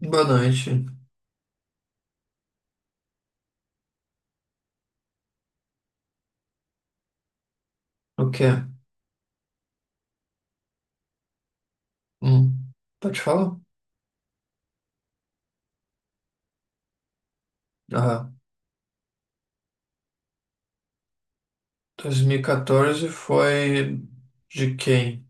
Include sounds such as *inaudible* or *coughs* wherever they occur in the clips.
Boa noite. O quê? Hum, pode falar? Ah, 2014 foi de quem?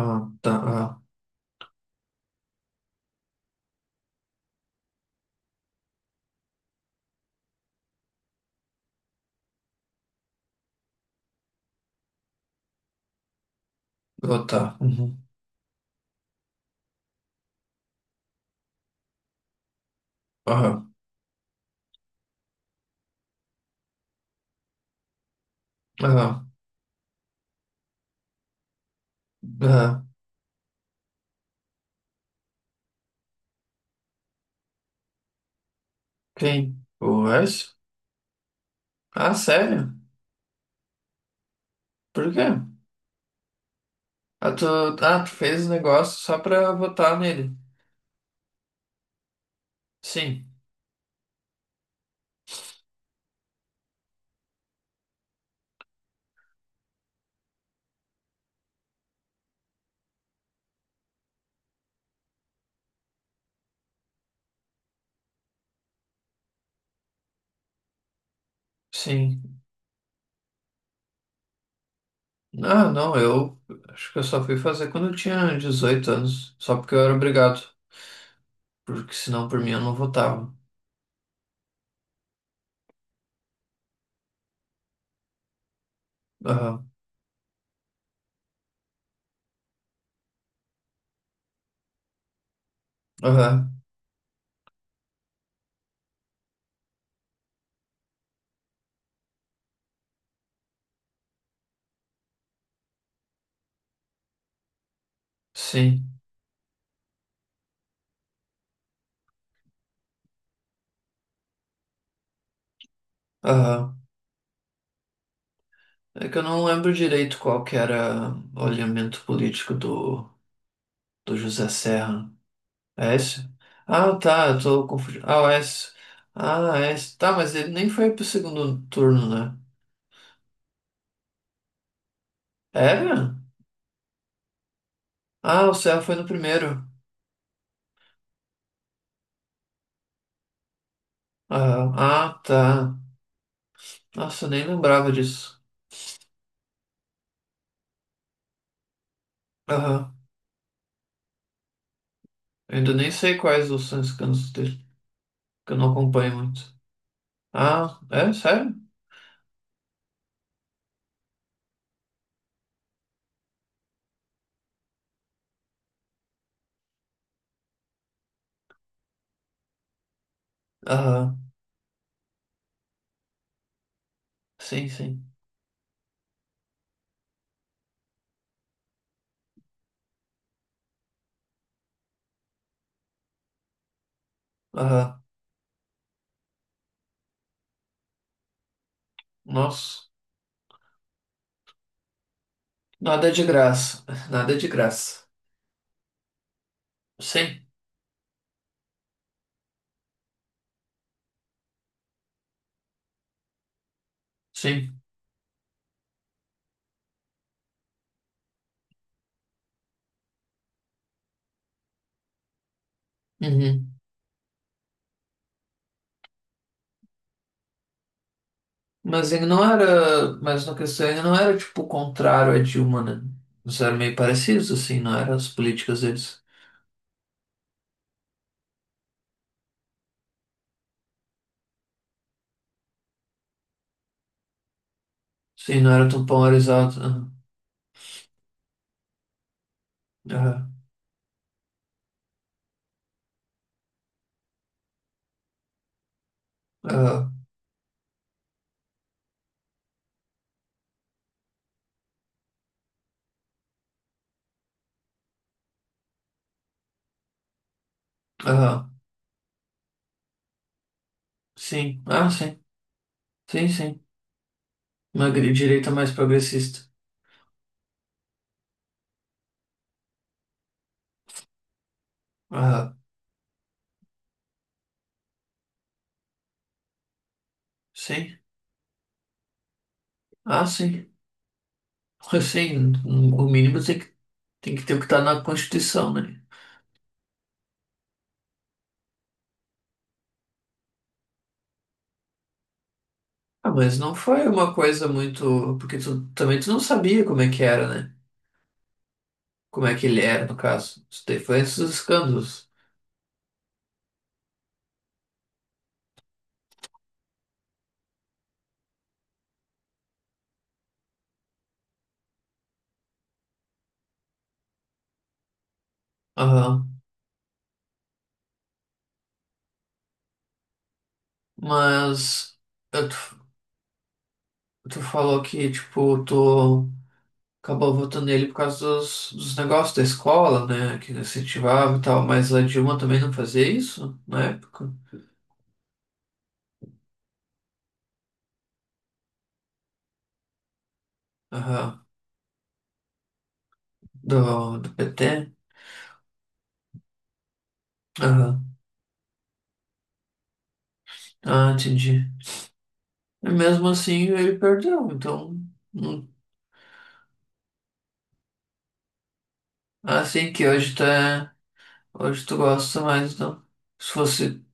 Ah, tá. Ah, oh, tá. Uhum. Aham, aham, aham. Quem? O Wes? Ah, sério? Por quê? Ah, tu, ah, tu fez o negócio só pra votar nele. Sim, sim. Ah, não, eu acho que eu só fui fazer quando eu tinha 18 anos. Só porque eu era obrigado. Porque senão por mim eu não votava. Aham, aham, sim. Aham. É que eu não lembro direito qual que era o alinhamento político do José Serra. É esse? Ah, tá, eu tô confundindo. Ah, é esse. Ah, é. Tá, mas ele nem foi pro segundo turno, né? Era? Ah, o Serra foi no primeiro. Aham. Ah, tá. Nossa, eu nem lembrava disso. Aham. Eu ainda nem sei quais os são os candidatos dele, que eu não acompanho muito. Ah, é? Sério? Aham. Sim, sim. Aham. Nossa. Nada de graça, nada de graça. Sim, sim. Uhum. Mas ele não era, mas na questão ele não era tipo contrário a Dilma, né? Eles eram meio parecidos, assim, não eram as políticas deles. Sim, não era tão polarizado. Aham, aham, aham, aham. Sim, ah, sim, sim, sim. Uma direita mais progressista. Aham, sim, ah, sim. *laughs* Sim, o mínimo tem que ter o que tá na Constituição, né? Ah, mas não foi uma coisa muito. Porque tu também tu não sabia como é que era, né? Como é que ele era, no caso. Isso daí foi esses escândalos. Aham. Mas tu, tu falou que, tipo, tu acabou votando nele por causa dos negócios da escola, né? Que incentivava e tal. Mas a Dilma também não fazia isso na época? Aham. Do PT? Aham. Ah, entendi. E mesmo assim ele perdeu, então. não- Assim que hoje tá. Hoje tu gosta mais, não. Se fosse.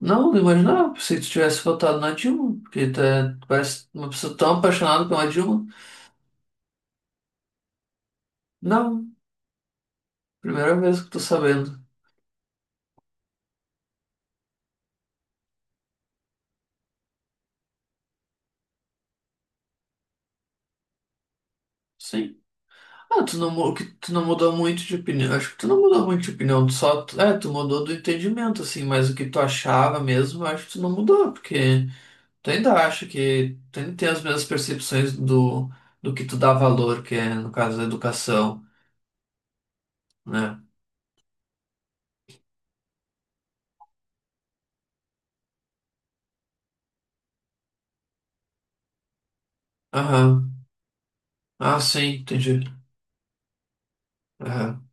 Não, não imaginava. Pensei que tu tivesse votado na Dilma, porque tu parece uma pessoa tão apaixonada pela Dilma. Não, primeira vez que tô sabendo. Sim. Ah, tu não, que tu não mudou muito de opinião. Acho que tu não mudou muito de opinião. É, tu mudou do entendimento, assim, mas o que tu achava mesmo, eu acho que tu não mudou, porque tu ainda acha que. Tu ainda tem as mesmas percepções do que tu dá valor, que é, no caso, a educação, né? Aham. Ah, sim, entendi. Aham.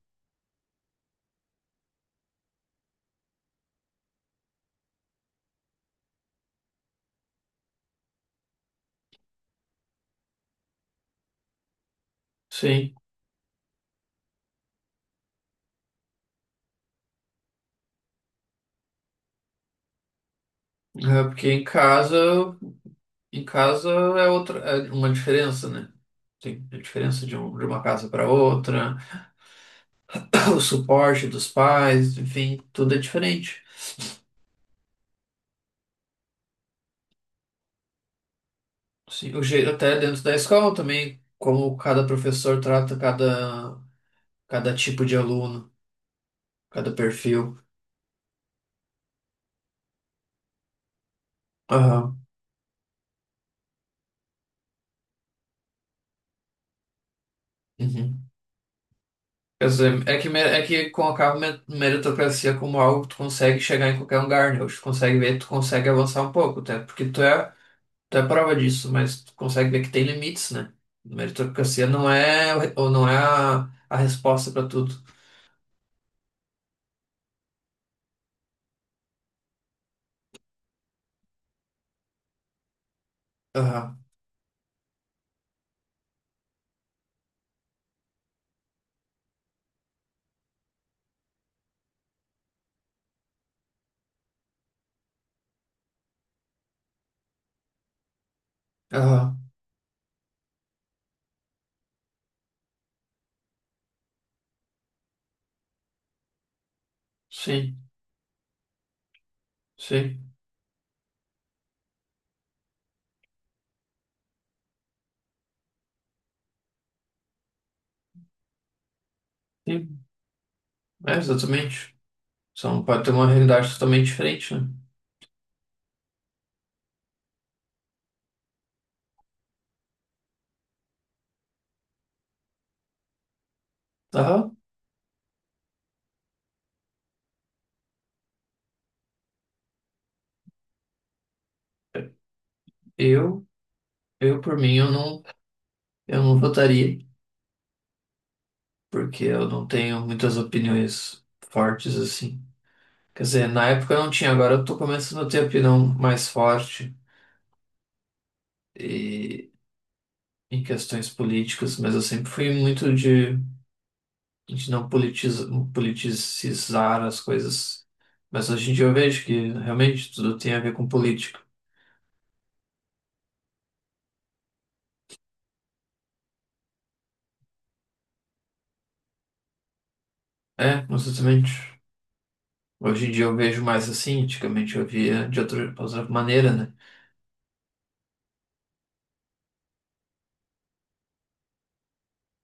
Sim, é porque em casa é outra, é uma diferença, né? Tem a diferença de uma casa para outra, *coughs* *clears throat* o suporte dos pais, enfim, tudo é diferente. Sim, o jeito até dentro da escola também, como cada professor trata cada, cada tipo de aluno, cada perfil. Aham. Uhum. Quer dizer, é que, é que colocava meritocracia como algo que tu consegue chegar em qualquer lugar, né? Hoje tu consegue ver, tu consegue avançar um pouco, até porque tu é. Tu é prova disso, mas tu consegue ver que tem limites, né? Meritocracia não é, o ou não é a resposta para tudo. Aham, aham, sim, sim, sim, é, exatamente. São, pode ter uma realidade totalmente diferente, né? Aham, eu, eu por mim, eu não votaria, porque eu não tenho muitas opiniões fortes assim. Quer dizer, na época eu não tinha, agora eu tô começando a ter opinião mais forte e, em questões políticas, mas eu sempre fui muito de a gente não politiza, politizar as coisas. Mas hoje em dia eu vejo que realmente tudo tem a ver com política. É, exatamente. Hoje em dia eu vejo mais assim, antigamente eu via de outra, outra maneira, né?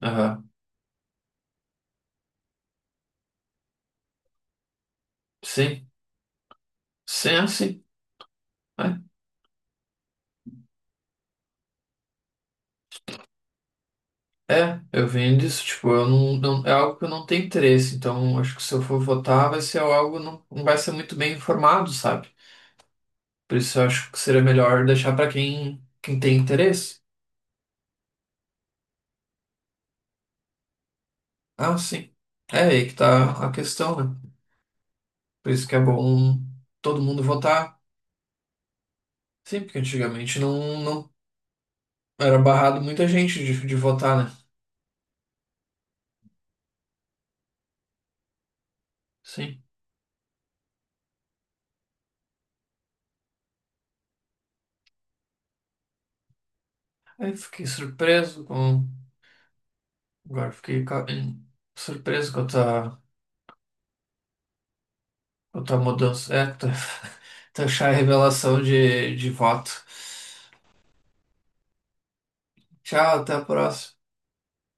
Aham. Sim, sim, é assim. É, eu venho disso, tipo, eu não, não- é algo que eu não tenho interesse, então acho que se eu for votar vai ser algo, não vai ser muito bem informado, sabe? Por isso eu acho que seria melhor deixar para quem, quem tem interesse. Ah, sim. É aí que tá a questão, né? Por isso que é bom todo mundo votar. Sim, porque antigamente não era barrado muita gente de votar, né? Sim. Aí eu fiquei surpreso com. Agora eu fiquei surpreso com a tua mudança. É, tu, *laughs* tu achar a *laughs* revelação de voto. Tchau, até a próxima.